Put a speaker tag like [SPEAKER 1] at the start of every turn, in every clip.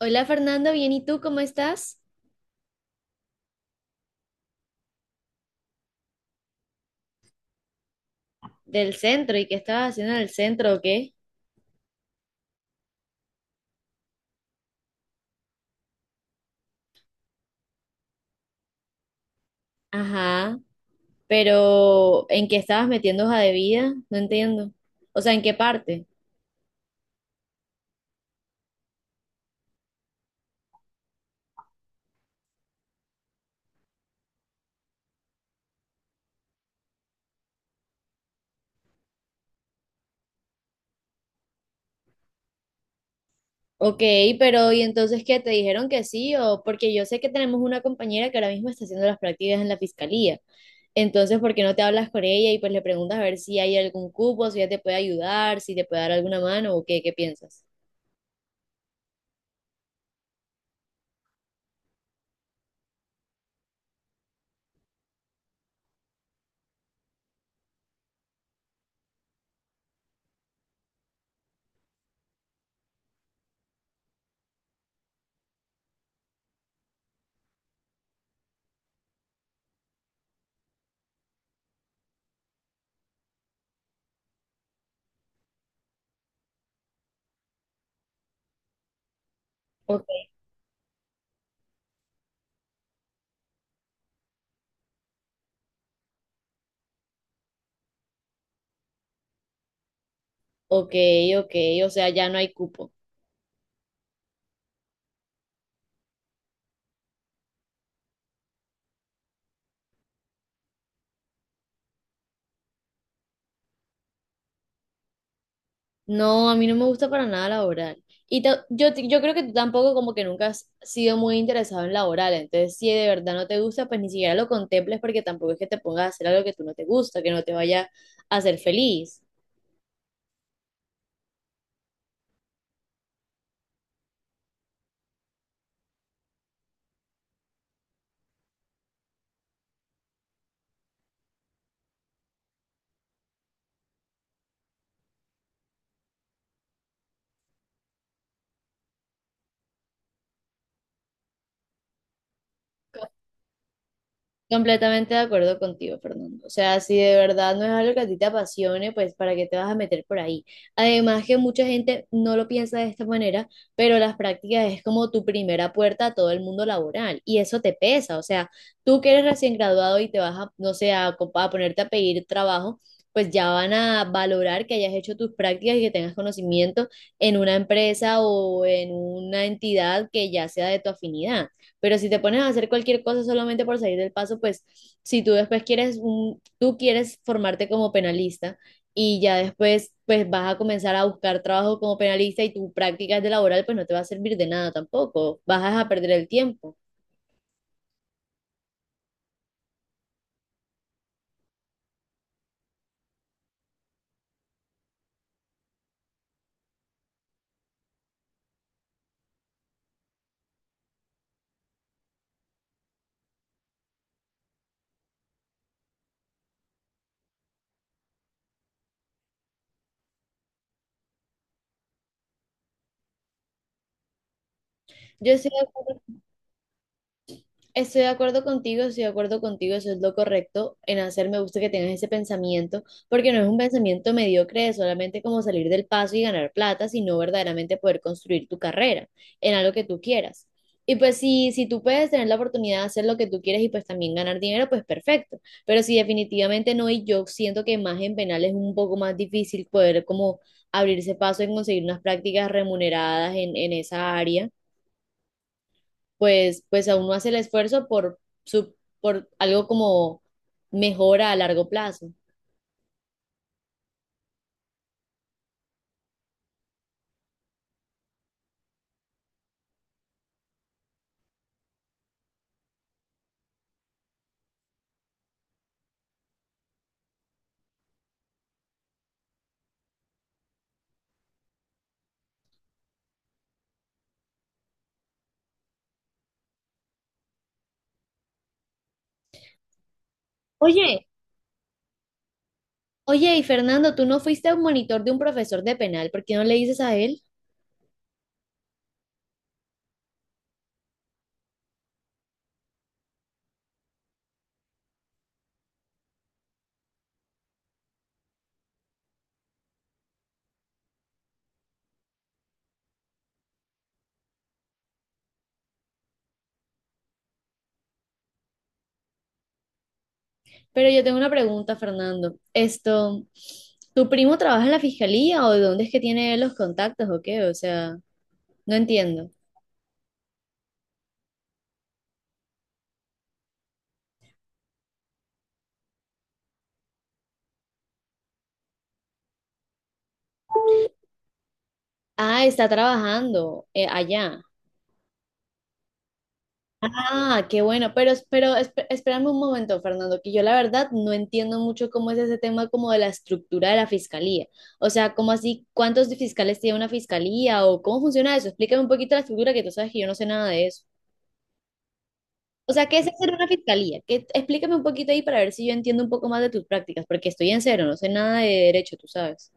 [SPEAKER 1] Hola Fernando, bien, ¿y tú cómo estás? Del centro, ¿y qué estabas haciendo en el centro o qué? Ajá, pero ¿en qué estabas metiendo hoja de vida? No entiendo. O sea, ¿en qué parte? Ok, pero ¿y entonces qué? ¿Te dijeron que sí? O porque yo sé que tenemos una compañera que ahora mismo está haciendo las prácticas en la fiscalía. Entonces, ¿por qué no te hablas con ella y pues le preguntas a ver si hay algún cupo, si ella te puede ayudar, si te puede dar alguna mano o qué, qué piensas? Ok, ok, ok, o sea, ya no hay cupo. No, a mí no me gusta para nada la oral. Y yo creo que tú tampoco como que nunca has sido muy interesado en la oral. Entonces, si de verdad no te gusta, pues ni siquiera lo contemples porque tampoco es que te pongas a hacer algo que tú no te gusta, que no te vaya a hacer feliz. Completamente de acuerdo contigo, Fernando. O sea, si de verdad no es algo que a ti te apasione, pues ¿para qué te vas a meter por ahí? Además que mucha gente no lo piensa de esta manera, pero las prácticas es como tu primera puerta a todo el mundo laboral y eso te pesa. O sea, tú que eres recién graduado y te vas a, no sé, a ponerte a pedir trabajo, pues ya van a valorar que hayas hecho tus prácticas y que tengas conocimiento en una empresa o en una entidad que ya sea de tu afinidad. Pero si te pones a hacer cualquier cosa solamente por salir del paso, pues si tú después quieres, un, tú quieres formarte como penalista y ya después pues vas a comenzar a buscar trabajo como penalista y tu práctica es de laboral pues no te va a servir de nada tampoco, vas a perder el tiempo. Yo estoy de acuerdo Estoy de acuerdo contigo, estoy de acuerdo contigo, eso es lo correcto en hacer. Me gusta que tengas ese pensamiento, porque no es un pensamiento mediocre de solamente como salir del paso y ganar plata, sino verdaderamente poder construir tu carrera en algo que tú quieras. Y pues si, si tú puedes tener la oportunidad de hacer lo que tú quieres y pues también ganar dinero, pues perfecto. Pero si definitivamente no, y yo siento que más en penal es un poco más difícil poder como abrirse paso en conseguir unas prácticas remuneradas en esa área pues, pues aún no hace el esfuerzo por, su, por algo como mejora a largo plazo. Oye, oye, y Fernando, tú no fuiste a un monitor de un profesor de penal, ¿por qué no le dices a él? Pero yo tengo una pregunta, Fernando. Esto, ¿tu primo trabaja en la fiscalía o de dónde es que tiene él los contactos o qué? O sea, no entiendo. Ah, está trabajando allá. Ah, qué bueno, pero espérame un momento, Fernando, que yo la verdad no entiendo mucho cómo es ese tema como de la estructura de la fiscalía. O sea, ¿cómo así? ¿Cuántos fiscales tiene una fiscalía o cómo funciona eso? Explícame un poquito la estructura que tú sabes que yo no sé nada de eso. O sea, ¿qué es hacer una fiscalía? ¿Qué- explícame un poquito ahí para ver si yo entiendo un poco más de tus prácticas, porque estoy en cero, no sé nada de derecho, tú sabes.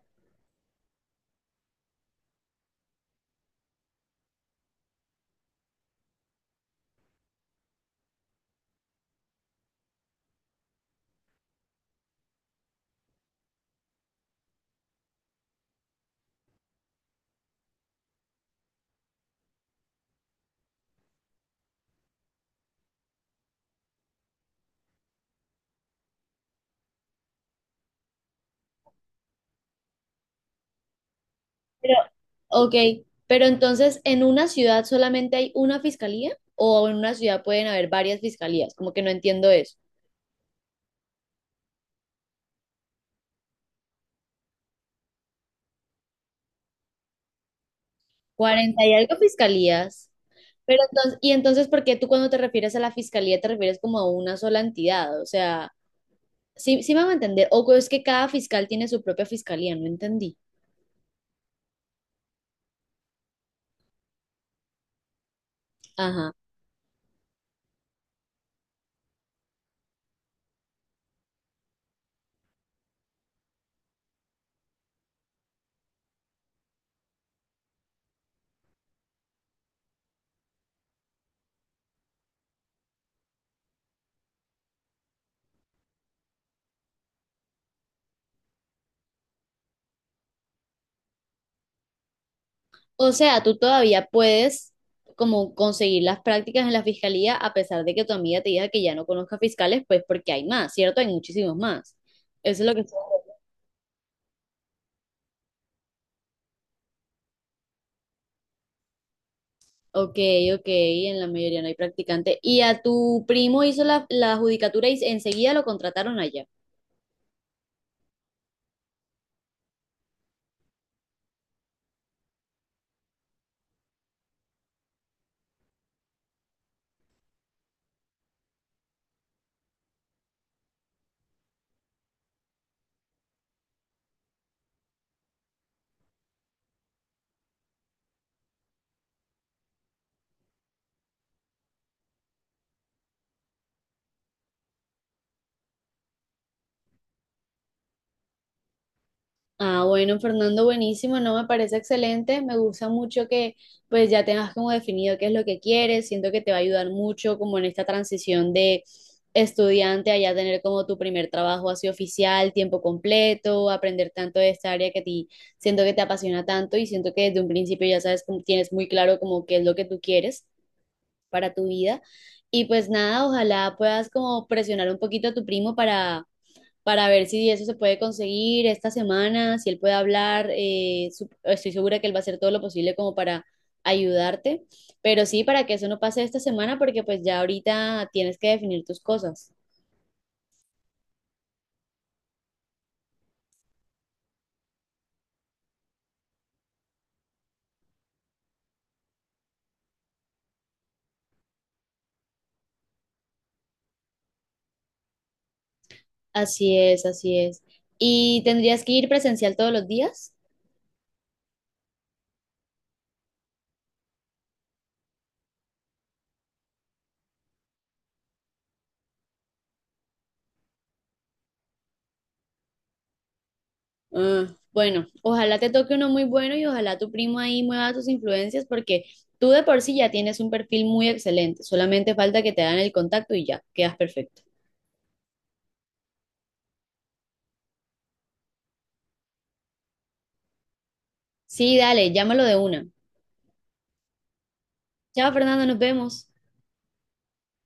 [SPEAKER 1] Pero, ok, entonces, ¿en una ciudad solamente hay una fiscalía o en una ciudad pueden haber varias fiscalías? Como que no entiendo eso. Cuarenta y algo fiscalías. Pero entonces, y entonces, ¿por qué tú cuando te refieres a la fiscalía te refieres como a una sola entidad? O sea, sí, sí me va a entender. O es que cada fiscal tiene su propia fiscalía, no entendí. Ajá. O sea, tú todavía puedes como conseguir las prácticas en la fiscalía a pesar de que tu amiga te diga que ya no conozca fiscales, pues porque hay más, ¿cierto? Hay muchísimos más. Eso es lo que... Ok, ok, en la mayoría no hay practicante. ¿Y a tu primo hizo la judicatura y enseguida lo contrataron allá? Ah, bueno, Fernando, buenísimo, no me parece excelente, me gusta mucho que pues ya tengas como definido qué es lo que quieres, siento que te va a ayudar mucho como en esta transición de estudiante a ya tener como tu primer trabajo así oficial, tiempo completo, aprender tanto de esta área que a ti siento que te apasiona tanto y siento que desde un principio ya sabes, tienes muy claro como qué es lo que tú quieres para tu vida y pues nada, ojalá puedas como presionar un poquito a tu primo para ver si eso se puede conseguir esta semana, si él puede hablar. Estoy segura que él va a hacer todo lo posible como para ayudarte, pero sí, para que eso no pase esta semana, porque pues ya ahorita tienes que definir tus cosas. Así es, así es. ¿Y tendrías que ir presencial todos los días? Ah, bueno, ojalá te toque uno muy bueno y ojalá tu primo ahí mueva tus influencias porque tú de por sí ya tienes un perfil muy excelente, solamente falta que te hagan el contacto y ya, quedas perfecto. Sí, dale, llámalo de una. Chao, Fernando, nos vemos.